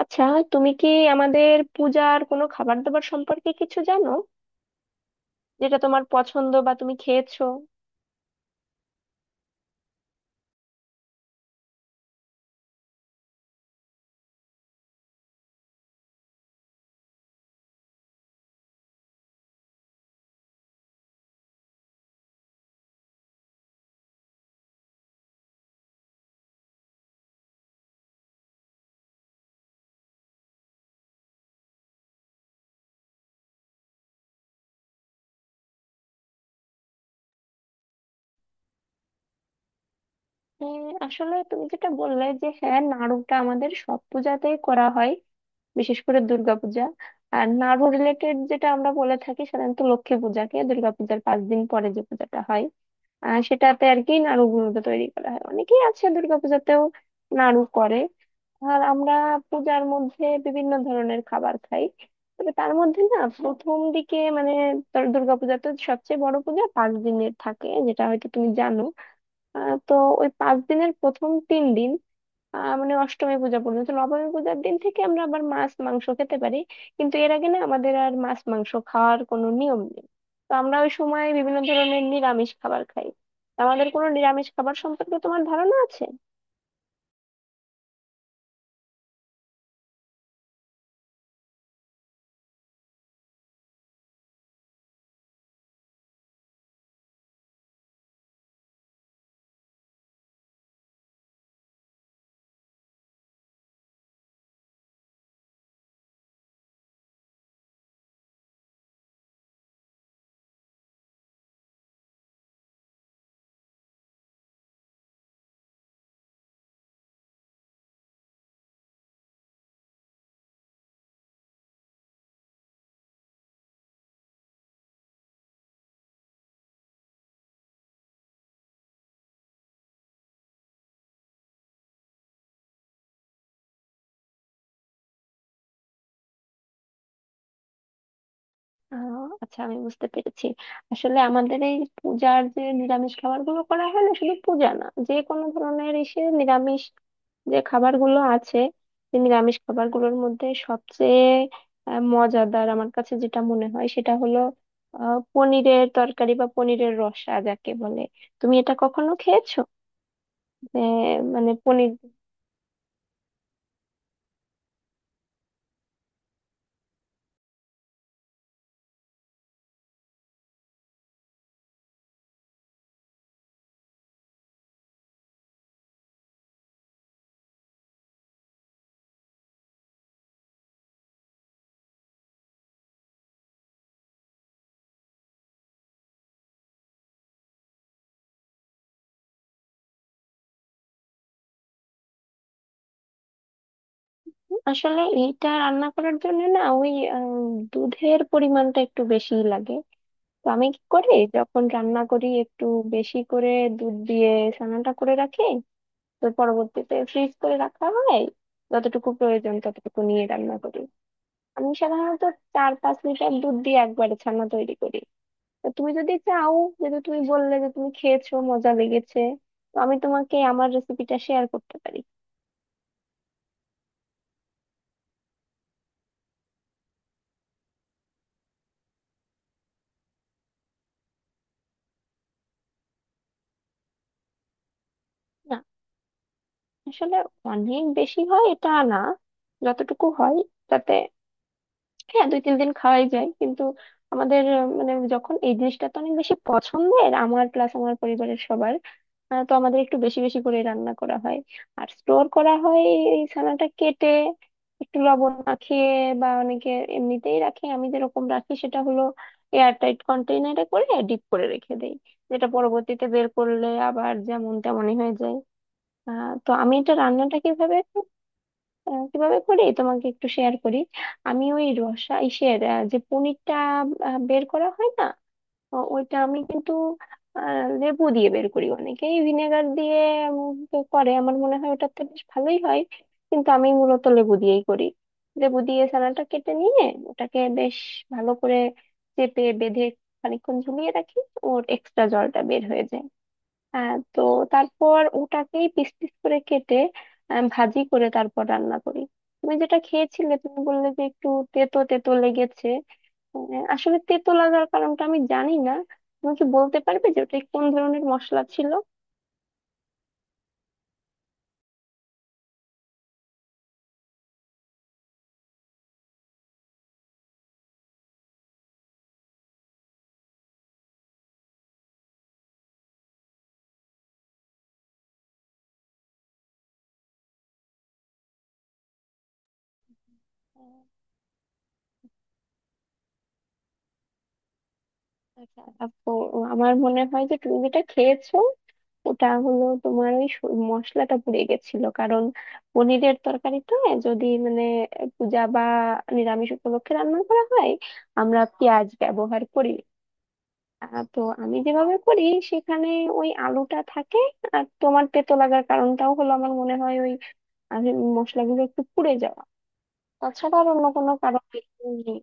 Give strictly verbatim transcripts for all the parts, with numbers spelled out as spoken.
আচ্ছা, তুমি কি আমাদের পূজার কোনো খাবার দাবার সম্পর্কে কিছু জানো, যেটা তোমার পছন্দ বা তুমি খেয়েছো? হ্যাঁ, আসলে তুমি যেটা বললে যে হ্যাঁ, নাড়ুটা আমাদের সব পূজাতেই করা হয়, বিশেষ করে দুর্গাপূজা। আর নাড়ু রিলেটেড যেটা আমরা বলে থাকি, সাধারণত লক্ষ্মী পূজাকে দুর্গাপূজার পাঁচ দিন পরে যে পূজাটা হয়, আহ সেটাতে আর কি নাড়ু গুঁড়োটা তৈরি করা হয়। অনেকেই আছে দুর্গাপূজাতেও নাড়ু করে। আর আমরা পূজার মধ্যে বিভিন্ন ধরনের খাবার খাই, তবে তার মধ্যে না, প্রথম দিকে মানে তোর দুর্গাপূজা তো সবচেয়ে বড় পূজা, পাঁচ দিনের থাকে, যেটা হয়তো তুমি জানো। আহ, তো ওই পাঁচ দিনের প্রথম তিন দিন, আহ, মানে অষ্টমী পূজা পর্যন্ত, নবমী পূজার দিন থেকে আমরা আবার মাছ মাংস খেতে পারি, কিন্তু এর আগে না আমাদের আর মাছ মাংস খাওয়ার কোনো নিয়ম নেই। তো আমরা ওই সময় বিভিন্ন ধরনের নিরামিষ খাবার খাই। আমাদের কোনো নিরামিষ খাবার সম্পর্কে তোমার ধারণা আছে? আহ আচ্ছা, আমি বুঝতে পেরেছি। আসলে আমাদের এই পূজার যে নিরামিষ খাবার গুলো করা হয়, না শুধু পূজা না, যে কোনো ধরনের এসে নিরামিষ যে খাবারগুলো আছে, যে নিরামিষ খাবারগুলোর মধ্যে সবচেয়ে আহ, মজাদার আমার কাছে যেটা মনে হয় সেটা হলো আহ, পনিরের তরকারি বা পনিরের রসা যাকে বলে। তুমি এটা কখনো খেয়েছো? যে, মানে পনির দিয়ে? আসলে এইটা রান্না করার জন্য না, ওই আহ, দুধের পরিমাণটা একটু বেশিই লাগে। তো আমি কি করি, যখন রান্না করি একটু বেশি করে দুধ দিয়ে ছানাটা করে রাখি। তো পরবর্তীতে ফ্রিজ করে রাখা হয়, যতটুকু প্রয়োজন ততটুকু নিয়ে রান্না করি। আমি সাধারণত চার পাঁচ লিটার দুধ দিয়ে একবারে ছানা তৈরি করি। তো তুমি যদি চাও, যেহেতু তুমি বললে যে তুমি খেয়েছো, মজা লেগেছে, তো আমি তোমাকে আমার রেসিপিটা শেয়ার করতে পারি। না, আসলে অনেক বেশি হয় এটা না, যতটুকু হয় তাতে হ্যাঁ, দুই তিন দিন খাওয়াই যায়, কিন্তু আমাদের আহ, মানে যখন এই জিনিসটা তো অনেক বেশি পছন্দের আমার প্লাস আমার পরিবারের সবার, আহ, তো আমাদের একটু বেশি বেশি করে রান্না করা হয় আর স্টোর করা হয়। এই ছানাটা কেটে একটু লবণ মাখিয়ে বা অনেকে এমনিতেই রাখে। আমি যেরকম রাখি সেটা হলো এয়ার টাইট কন্টেইনারে করে ডিপ করে রেখে দেই, যেটা পরবর্তীতে বের করলে আবার যেমন তেমনই হয়ে যায়। আহ তো আমি এটা রান্নাটা কিভাবে, আহ, কিভাবে করি তোমাকে একটু শেয়ার করি। আমি ওই রসা ইসের আহ, যে পনিরটা আহ, বের করা হয় না, ও- ওইটা আমি কিন্তু আহ, লেবু দিয়ে বের করি। অনেকেই ভিনেগার দিয়ে উম, তো করে, আমার মনে হয় ওটাতে বেশ ভালোই হয়, কিন্তু আমি মূলত লেবু দিয়েই করি। লেবু দিয়ে ছানাটা কেটে নিয়ে ওটাকে বেশ ভালো করে চেপে বেঁধে খানিকক্ষণ ঝুলিয়ে রাখি, ওর এক্সট্রা জলটা বের হয়ে যায়। আহ তো তারপর ওটাকেই পিস পিস করে কেটে আহ, ভাজি করে তারপর রান্না করি। তুমি যেটা খেয়েছিলে, তুমি বললে যে একটু তেতো তেতো লেগেছে, আহ, আসলে তেতো লাগার কারণটা আমি জানি না। তুমি কি বলতে পারবে যে ওটা কোন ধরনের মশলা ছিল? আচ্ছা, আপু, আমার মনে হয় যে তুমি যেটা খেয়েছো, ওটা হলো তোমার ওই স- মশলাটা পুড়ে গেছিল, কারণ পনিরের তরকারিতে যদি মানে পূজা বা নিরামিষ উপলক্ষে রান্না করা হয়, আমরা পেঁয়াজ ব্যবহার করি। আহ, তো আমি যেভাবে করি সেখানে ওই আলুটা থাকে, আর তোমার তেতো লাগার কারণটাও হলো আমার মনে হয় ওই আহ, মশলাগুলো একটু পুড়ে যাওয়া, তাছাড়া আর অন্য কোনো কারণ নেই।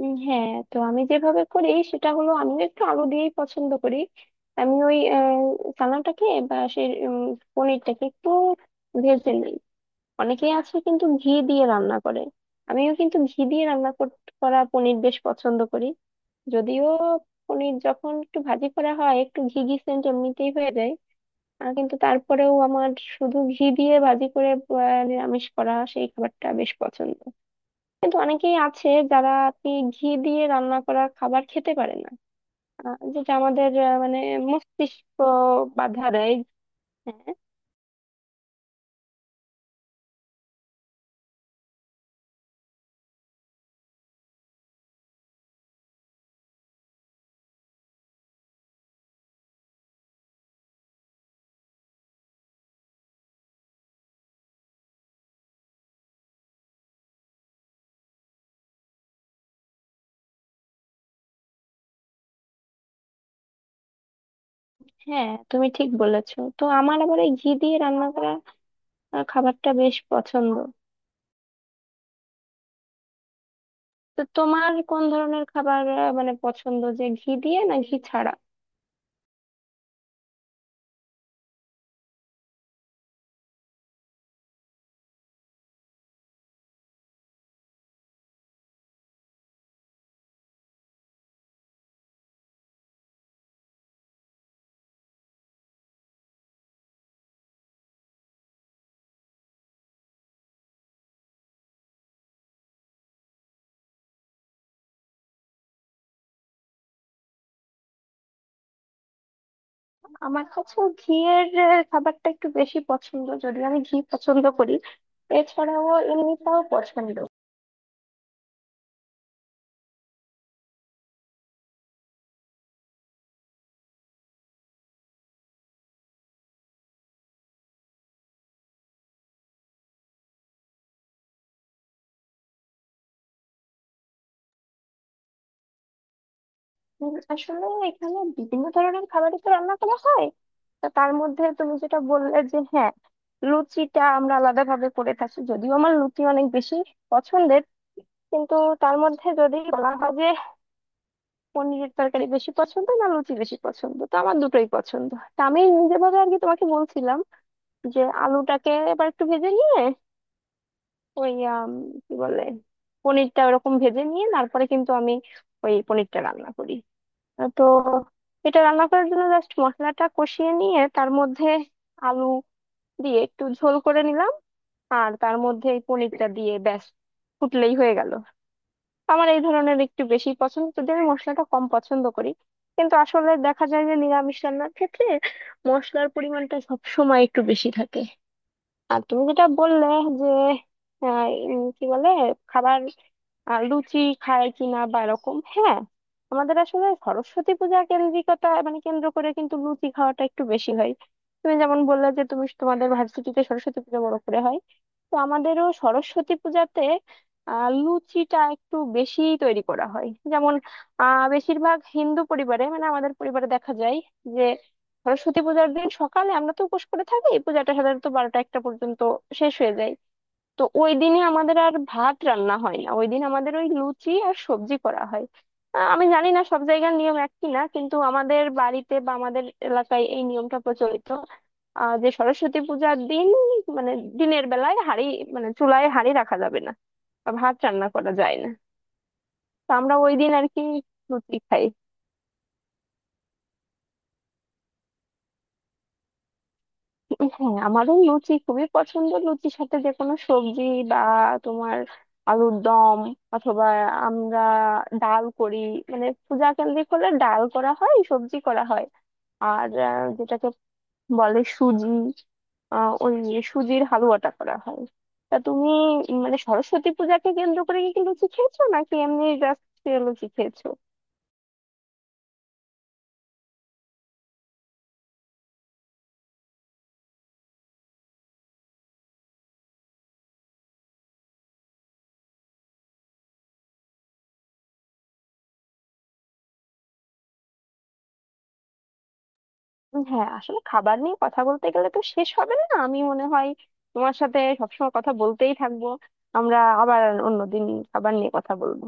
উম, হ্যাঁ, তো আমি যেভাবে করি সেটা হলো আমি একটু আলু দিয়েই পছন্দ করি। আমি ওই আহ, চানাটাকে বা সেই উম, পনিরটাকে একটু ভেজে নিই। অনেকেই আছে কিন্তু ঘি দিয়ে রান্না করে, আমিও কিন্তু ঘি দিয়ে রান্না কর- করা পনির বেশ পছন্দ করি। যদিও পনির যখন একটু ভাজি করা হয় একটু ঘি ঘি সেন্ট এমনিতেই হয়ে যায়, আহ, কিন্তু তারপরেও আমার শুধু ঘি দিয়ে ভাজি করে আহ, নিরামিষ করা সেই খাবারটা বেশ পছন্দ। কিন্তু অনেকেই আছে যারা আর কি ঘি দিয়ে রান্না করা খাবার খেতে পারে না, আহ, যেটা আমাদের আহ, মানে মস্তিষ্ক বাধা দেয়। হ্যাঁ। হ্যাঁ, তুমি ঠিক বলেছো। তো আমার আবার এই ঘি দিয়ে রান্না করা আহ, খাবারটা বেশ পছন্দ। তো তোমার কোন ধরনের খাবার আহ, মানে পছন্দ, যে ঘি দিয়ে না ঘি ছাড়া? আমার কাছে ঘিয়ের আহ, খাবারটা একটু বেশি পছন্দ, যদিও আমি ঘি পছন্দ করি, এছাড়াও এমনিটাও পছন্দ। উম, আসলে এখানে বিভিন্ন ধরনের খাবারই তো রান্না করা হয়। তা তার মধ্যে তুমি যেটা বললে যে হ্যাঁ, লুচিটা আমরা আলাদা ভাবে করে থাকি, যদিও আমার লুচি অনেক বেশি পছন্দের। কিন্তু তার মধ্যে যদি বলা হয় যে পনিরের তরকারি বেশি পছন্দ না লুচি বেশি পছন্দ, তো আমার দুটোই পছন্দ। তা আমি নিজের ভাবে আর কি তোমাকে বলছিলাম যে আলুটাকে এবার একটু ভেজে নিয়ে ওই আম, কি বলে, পনিরটা ওরকম ভেজে নিয়ে তারপরে কিন্তু আমি ওই পনিরটা রান্না করি। আহ তো এটা রান্না করার জন্য জাস্ট মশলাটা কষিয়ে নিয়ে তার মধ্যে আলু দিয়ে একটু ঝোল করে নিলাম, আর তার মধ্যে এই পনিরটা দিয়ে ব্যাস, ফুটলেই হয়ে গেল। আমার এই ধরনের একটু বেশি পছন্দ, যদি আমি মশলাটা কম পছন্দ করি, কিন্তু আসলে দেখা যায় যে নিরামিষ রান্নার ক্ষেত্রে মশলার পরিমাণটা সব সময় একটু বেশি থাকে। আর তুমি যেটা বললে যে আহ, উম, কি বলে, খাবার, আহ, লুচি খায় কিনা বা এরকম, হ্যাঁ, আমাদের আসলে সরস্বতী পূজা কেন্দ্রিকতা মানে কেন্দ্র করে কিন্তু লুচি খাওয়াটা একটু বেশি হয়। তুমি যেমন বললে যে তুমি তোমাদের ভার্সিটিতে সরস্বতী পূজা বড় করে হয়, তো আমাদেরও সরস্বতী পূজাতে আহ লুচিটা একটু বেশি তৈরি করা হয়। যেমন আহ বেশিরভাগ হিন্দু পরিবারে মানে আমাদের পরিবারে দেখা যায় যে সরস্বতী পূজার দিন সকালে আমরা তো উপোস করে থাকি, পূজাটা সাধারণত বারোটা একটা পর্যন্ত শেষ হয়ে যায়। তো ওই দিনে আমাদের আর ভাত রান্না হয় না, ওই দিন আমাদের ওই লুচি আর সবজি করা হয়। আহ, আমি জানি না সব জায়গার নিয়ম একই না, কিন্তু আমাদের বাড়িতে বা আমাদের এলাকায় এই নিয়মটা প্রচলিত আহ যে সরস্বতী পূজার দিন মানে দিনের বেলায় হাঁড়ি, মানে চুলায় হাঁড়ি রাখা যাবে না বা ভাত রান্না করা যায় না। তো আমরা ওই দিন আর কি লুচি খাই। হ্যাঁ, আমারও লুচি খুবই পছন্দ। লুচির সাথে যে কোনো সবজি বা তোমার আলুর দম, অথবা আমরা ডাল করি, মানে পূজা কেন্দ্রিক হলে ডাল করা হয়, সবজি করা হয়। আর আহ, যেটাকে বলে সুজি, আহ, ওই সুজির হালুয়াটা করা হয়। তা তুমি উম, মানে সরস্বতী পূজাকে কেন্দ্র করে কি কি লুচি খেয়েছো নাকি এমনি জাস্ট লুচি খেয়েছো? উম হ্যাঁ, আসলে খাবার নিয়ে কথা বলতে গেলে তো শেষ হবে না, আমি মনে হয় তোমার সাথে সবসময় কথা বলতেই থাকবো। আমরা আবার অন্যদিন খাবার নিয়ে কথা বলবো।